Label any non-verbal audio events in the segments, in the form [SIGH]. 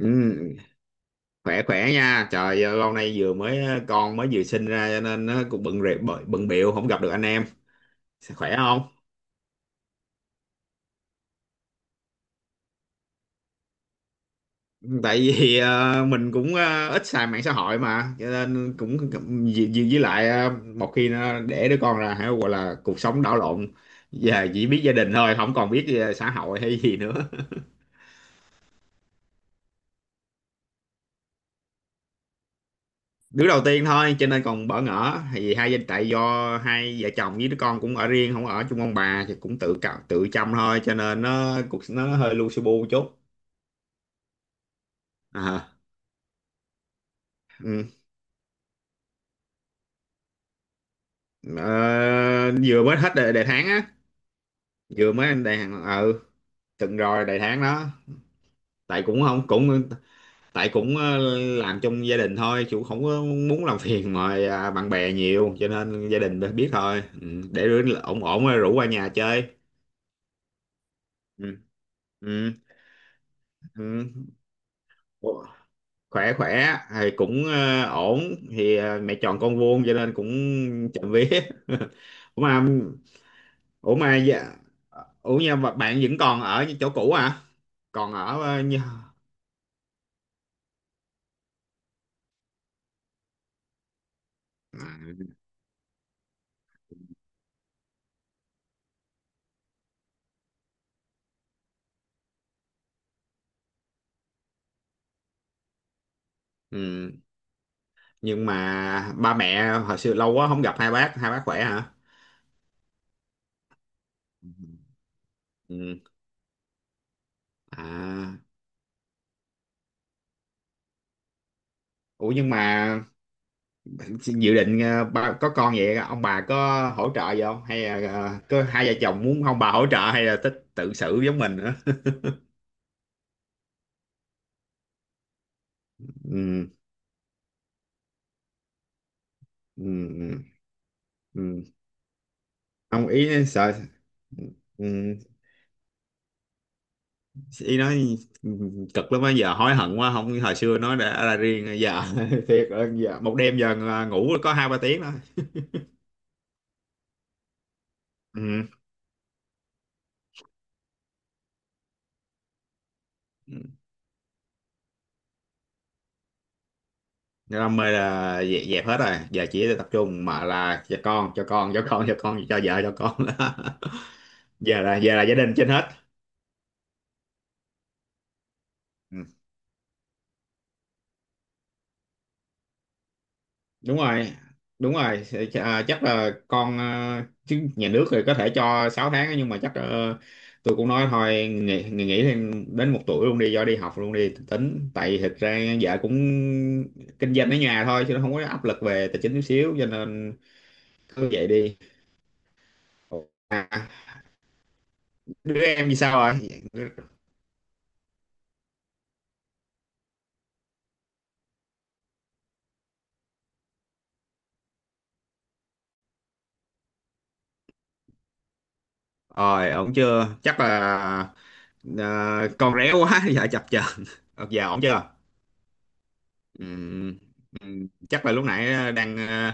Ừ, khỏe khỏe nha trời ơi, lâu nay vừa mới con mới vừa sinh ra cho nên nó cũng bận rệp bận bận bịu không gặp được anh em. Khỏe không? Tại vì mình cũng ít xài mạng xã hội mà cho nên cũng với lại một khi nó để đứa con ra hay gọi là cuộc sống đảo lộn. Giờ chỉ biết gia đình thôi, không còn biết xã hội hay gì nữa. Đứa đầu tiên thôi cho nên còn bỡ ngỡ, thì hai gia tại do hai vợ chồng với đứa con cũng ở riêng, không ở chung ông bà thì cũng tự cạo tự chăm thôi cho nên nó cũng nó hơi lu su bu chút. À, ừ. Ờ, vừa mới hết đề, đề tháng á. Vừa mới đề hàng, ừ, từng rồi đề tháng đó. Tại cũng không cũng tại cũng làm trong gia đình thôi chứ không có muốn làm phiền mà, à, bạn bè nhiều cho nên gia đình biết thôi. Ừ, để đứa ổn ổn rồi rủ qua nhà chơi. Ừ. Ừ. Ừ. Ủa, khỏe khỏe thì cũng ổn, thì mẹ chọn con vuông cho nên cũng chậm vía. [LAUGHS] Ủa mà, ủa mà dạ- ủa nha, mà bạn vẫn còn ở chỗ cũ à? Còn ở như, à, ừ. Nhưng mà ba mẹ hồi xưa, lâu quá không gặp hai bác, hai bác khỏe hả? Ừ. Ừ. À, ủa nhưng mà dự định ba có con vậy ông bà có hỗ trợ gì không, hay là có hai vợ chồng muốn ông bà hỗ trợ, hay là thích tự xử giống mình nữa? [LAUGHS] Ừ, ừ, ừ, ừ. Ông ý sợ, ừ, ý nói cực lắm á, giờ hối hận quá không, hồi xưa nói đã ra riêng giờ [LAUGHS] thiệt. Giờ một đêm giờ à, ngủ có hai ba tiếng thôi. Ừ. Ừ. Đam mê là dẹp, dẹp hết rồi, giờ chỉ tập trung mà là cho con, cho con, cho con, cho con, cho vợ, cho con. [LAUGHS] Giờ là giờ là gia đình trên hết. Ừ. Đúng rồi. Đúng rồi, à, chắc là con chứ nhà nước thì có thể cho 6 tháng á, nhưng mà chắc, ờ, tôi cũng nói thôi nghỉ nghỉ nghỉ thêm đến một tuổi luôn đi, do đi học luôn đi, tính tại thực ra vợ cũng kinh doanh ở nhà thôi chứ nó không có áp lực về tài chính chút xíu cho nên cứ vậy đi. À, đứa em thì sao rồi? Rồi ổn chưa? Chắc là ờ, con réo quá [LAUGHS] giờ chập chờn. Giờ ổn chưa? Ừm, chắc là lúc nãy đang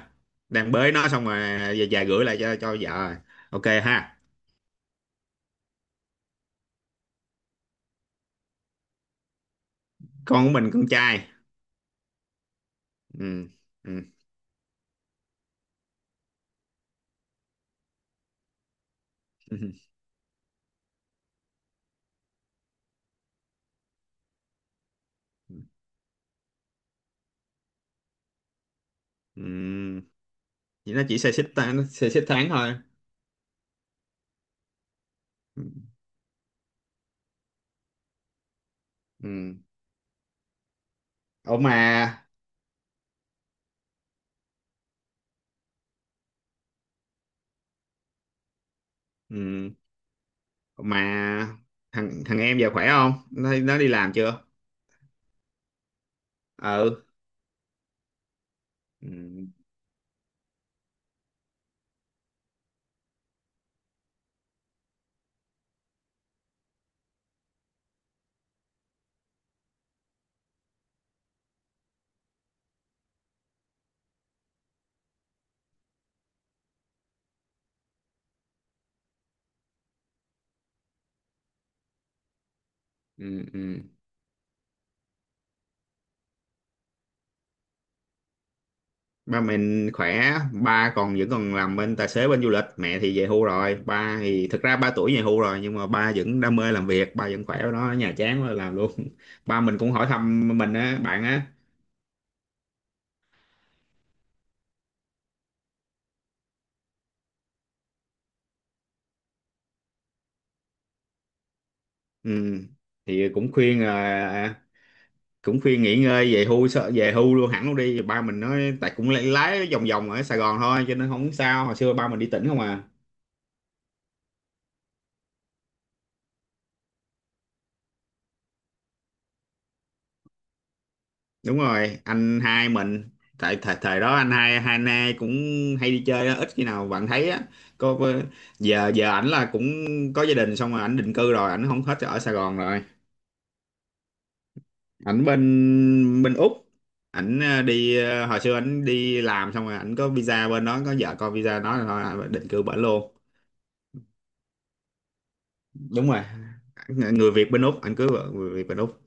đang bới nó xong rồi về về gửi lại cho vợ. Ok ha. Con của mình con trai. Ừm, ừm, ừm. Ừm. [LAUGHS] Vậy nó chỉ xê xích ta- nó xê xích tháng thôi. Ừm. Ủa ừm, mà thằng thằng em giờ khỏe không, nó nó đi làm chưa? Ừ. Ừm, ừm. Ba mình khỏe, ba còn vẫn còn làm bên tài xế bên du lịch, mẹ thì về hưu rồi, ba thì thực ra ba tuổi về hưu rồi nhưng mà ba vẫn đam mê làm việc, ba vẫn khỏe, ở đó ở nhà chán quá làm luôn. [LAUGHS] Ba mình cũng hỏi thăm mình á, bạn á. Ừ. Thì cũng khuyên à, cũng khuyên nghỉ ngơi về hưu, sợ về hưu luôn hẳn luôn đi, ba mình nói tại cũng lái lái vòng vòng ở Sài Gòn thôi cho nên không sao, hồi xưa ba mình đi tỉnh không à. Đúng rồi, anh hai mình, tại thời thời đó anh hai, hai anh hai cũng hay đi chơi á, ít khi nào bạn thấy á. Có- giờ giờ ảnh là cũng có gia đình xong rồi ảnh định cư rồi, ảnh không hết ở Sài Gòn rồi. Ảnh bên bên Úc, ảnh đi hồi xưa ảnh đi làm xong rồi ảnh có visa bên đó, có vợ con visa đó rồi thôi ảnh định cư bển luôn. Đúng rồi, Ng- người Việt bên Úc, ảnh cưới vợ người Việt bên Úc.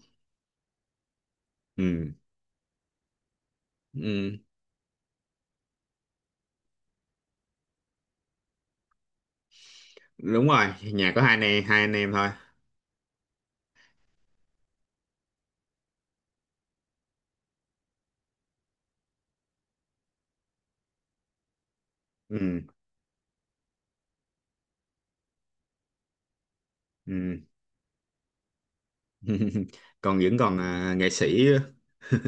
Ừ. Ừ. Đúng rồi, nhà có hai anh em, hai anh em thôi. Ừ. Ừ. [LAUGHS] Còn vẫn còn à, nghệ sĩ. [LAUGHS]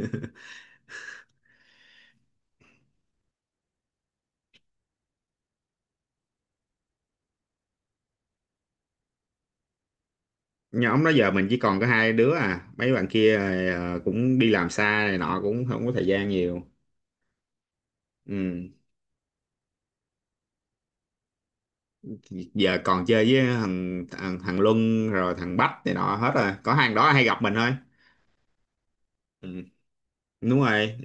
Nhóm đó giờ mình chỉ còn có hai đứa à, mấy bạn kia à, cũng đi làm xa này nọ, cũng không có thời gian nhiều. Ừ. Giờ còn chơi với thằng thằng, thằng Luân rồi thằng Bách này nọ, hết rồi có hàng đó hay gặp mình thôi. Ừ. Đúng rồi,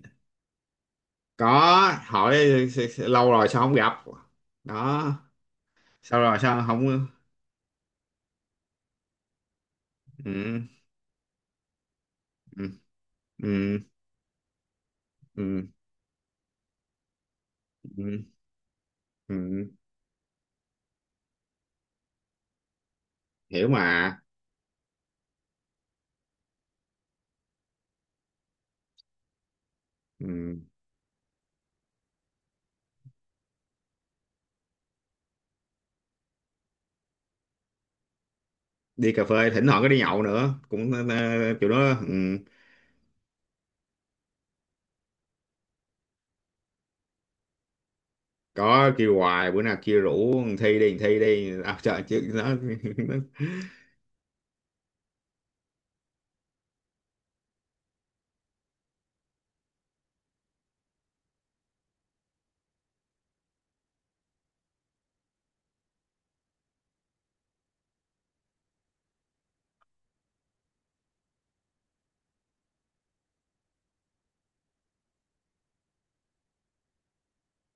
có hỏi lâu rồi sao không gặp đó, sao rồi sao không, ừ. Ừ. Ừ. Ừ. Ừ. Ừ. Ừ, hiểu mà. Ừ. Đi cà phê thỉnh thoảng, có đi nhậu nữa cũng kiểu đó. Ừ. Có kêu hoài, bữa nào kêu rủ thằng thi đi, thằng thi đi, à, trời chứ nó, [LAUGHS] nó.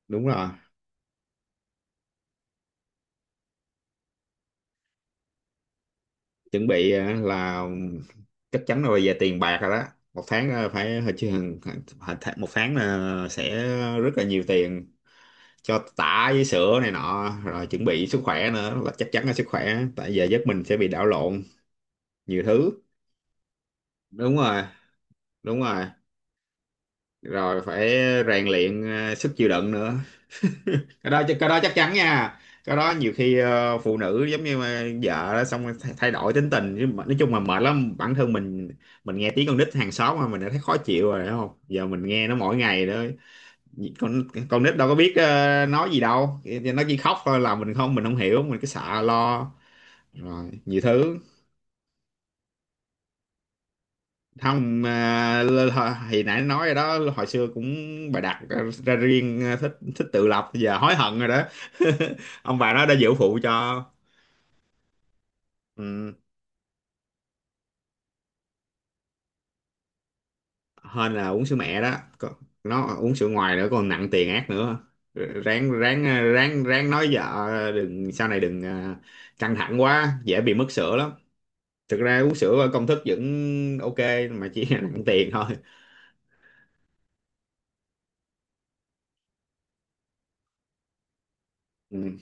Đúng rồi, chuẩn bị là chắc chắn là về tiền bạc rồi đó. Một tháng phải hồi chứ, một tháng là sẽ rất là nhiều tiền cho tả với sữa này nọ, rồi chuẩn bị sức khỏe nữa, là chắc chắn là sức khỏe, tại giờ giấc mình sẽ bị đảo lộn nhiều thứ. Đúng rồi. Đúng rồi. Rồi phải rèn luyện sức chịu đựng nữa. [LAUGHS] Cái đó cái đó chắc chắn nha. Cái đó nhiều khi phụ nữ giống như mà vợ đó, xong rồi thay thay đổi tính tình chứ mà- nói chung là mệt lắm. Bản thân mình nghe tiếng con nít hàng xóm mà mình đã thấy khó chịu rồi đúng không, giờ mình nghe nó mỗi ngày đó. con con nít đâu có biết nói gì đâu, nó chỉ khóc thôi là mình không, mình không hiểu, mình cứ sợ lo rồi nhiều thứ. Không à, l- h- thì nãy nói rồi đó, hồi xưa cũng bà đặt ra riêng à, thích thích tự lập, giờ hối hận rồi đó. [LAUGHS] Ông bà nó đã giữ phụ cho. Ừ, hên là uống sữa mẹ đó. Còn- nó uống sữa ngoài nữa còn nặng tiền ác nữa. Ráng ráng à, ráng ráng nói vợ đừng sau này đừng à, căng thẳng quá dễ bị mất sữa lắm. Thực ra uống sữa ở công thức vẫn ok, mà chỉ [LAUGHS] là nặng tiền thôi. ừ,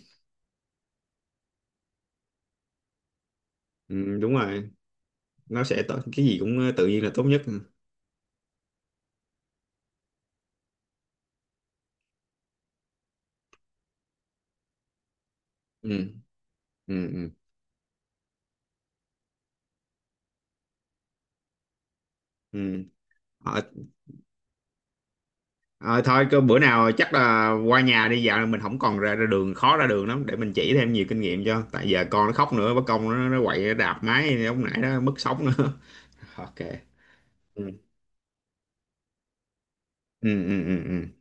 ừ, đúng rồi, nó sẽ tốt, cái gì cũng tự nhiên là tốt nhất. Ừ. Ừ. Ừ. Ừ. Ừ. Ờ, ờ, thôi cứ bữa nào chắc là qua nhà đi dạo, mình không còn ra, ra đường, khó ra đường lắm, để mình chỉ thêm nhiều kinh nghiệm cho, tại giờ con nó khóc nữa bất công nó quậy nó đạp máy lúc nãy đó mất sóng nữa. [LAUGHS] Ok. Ừ. Ừ, ừ, ừ, ừ.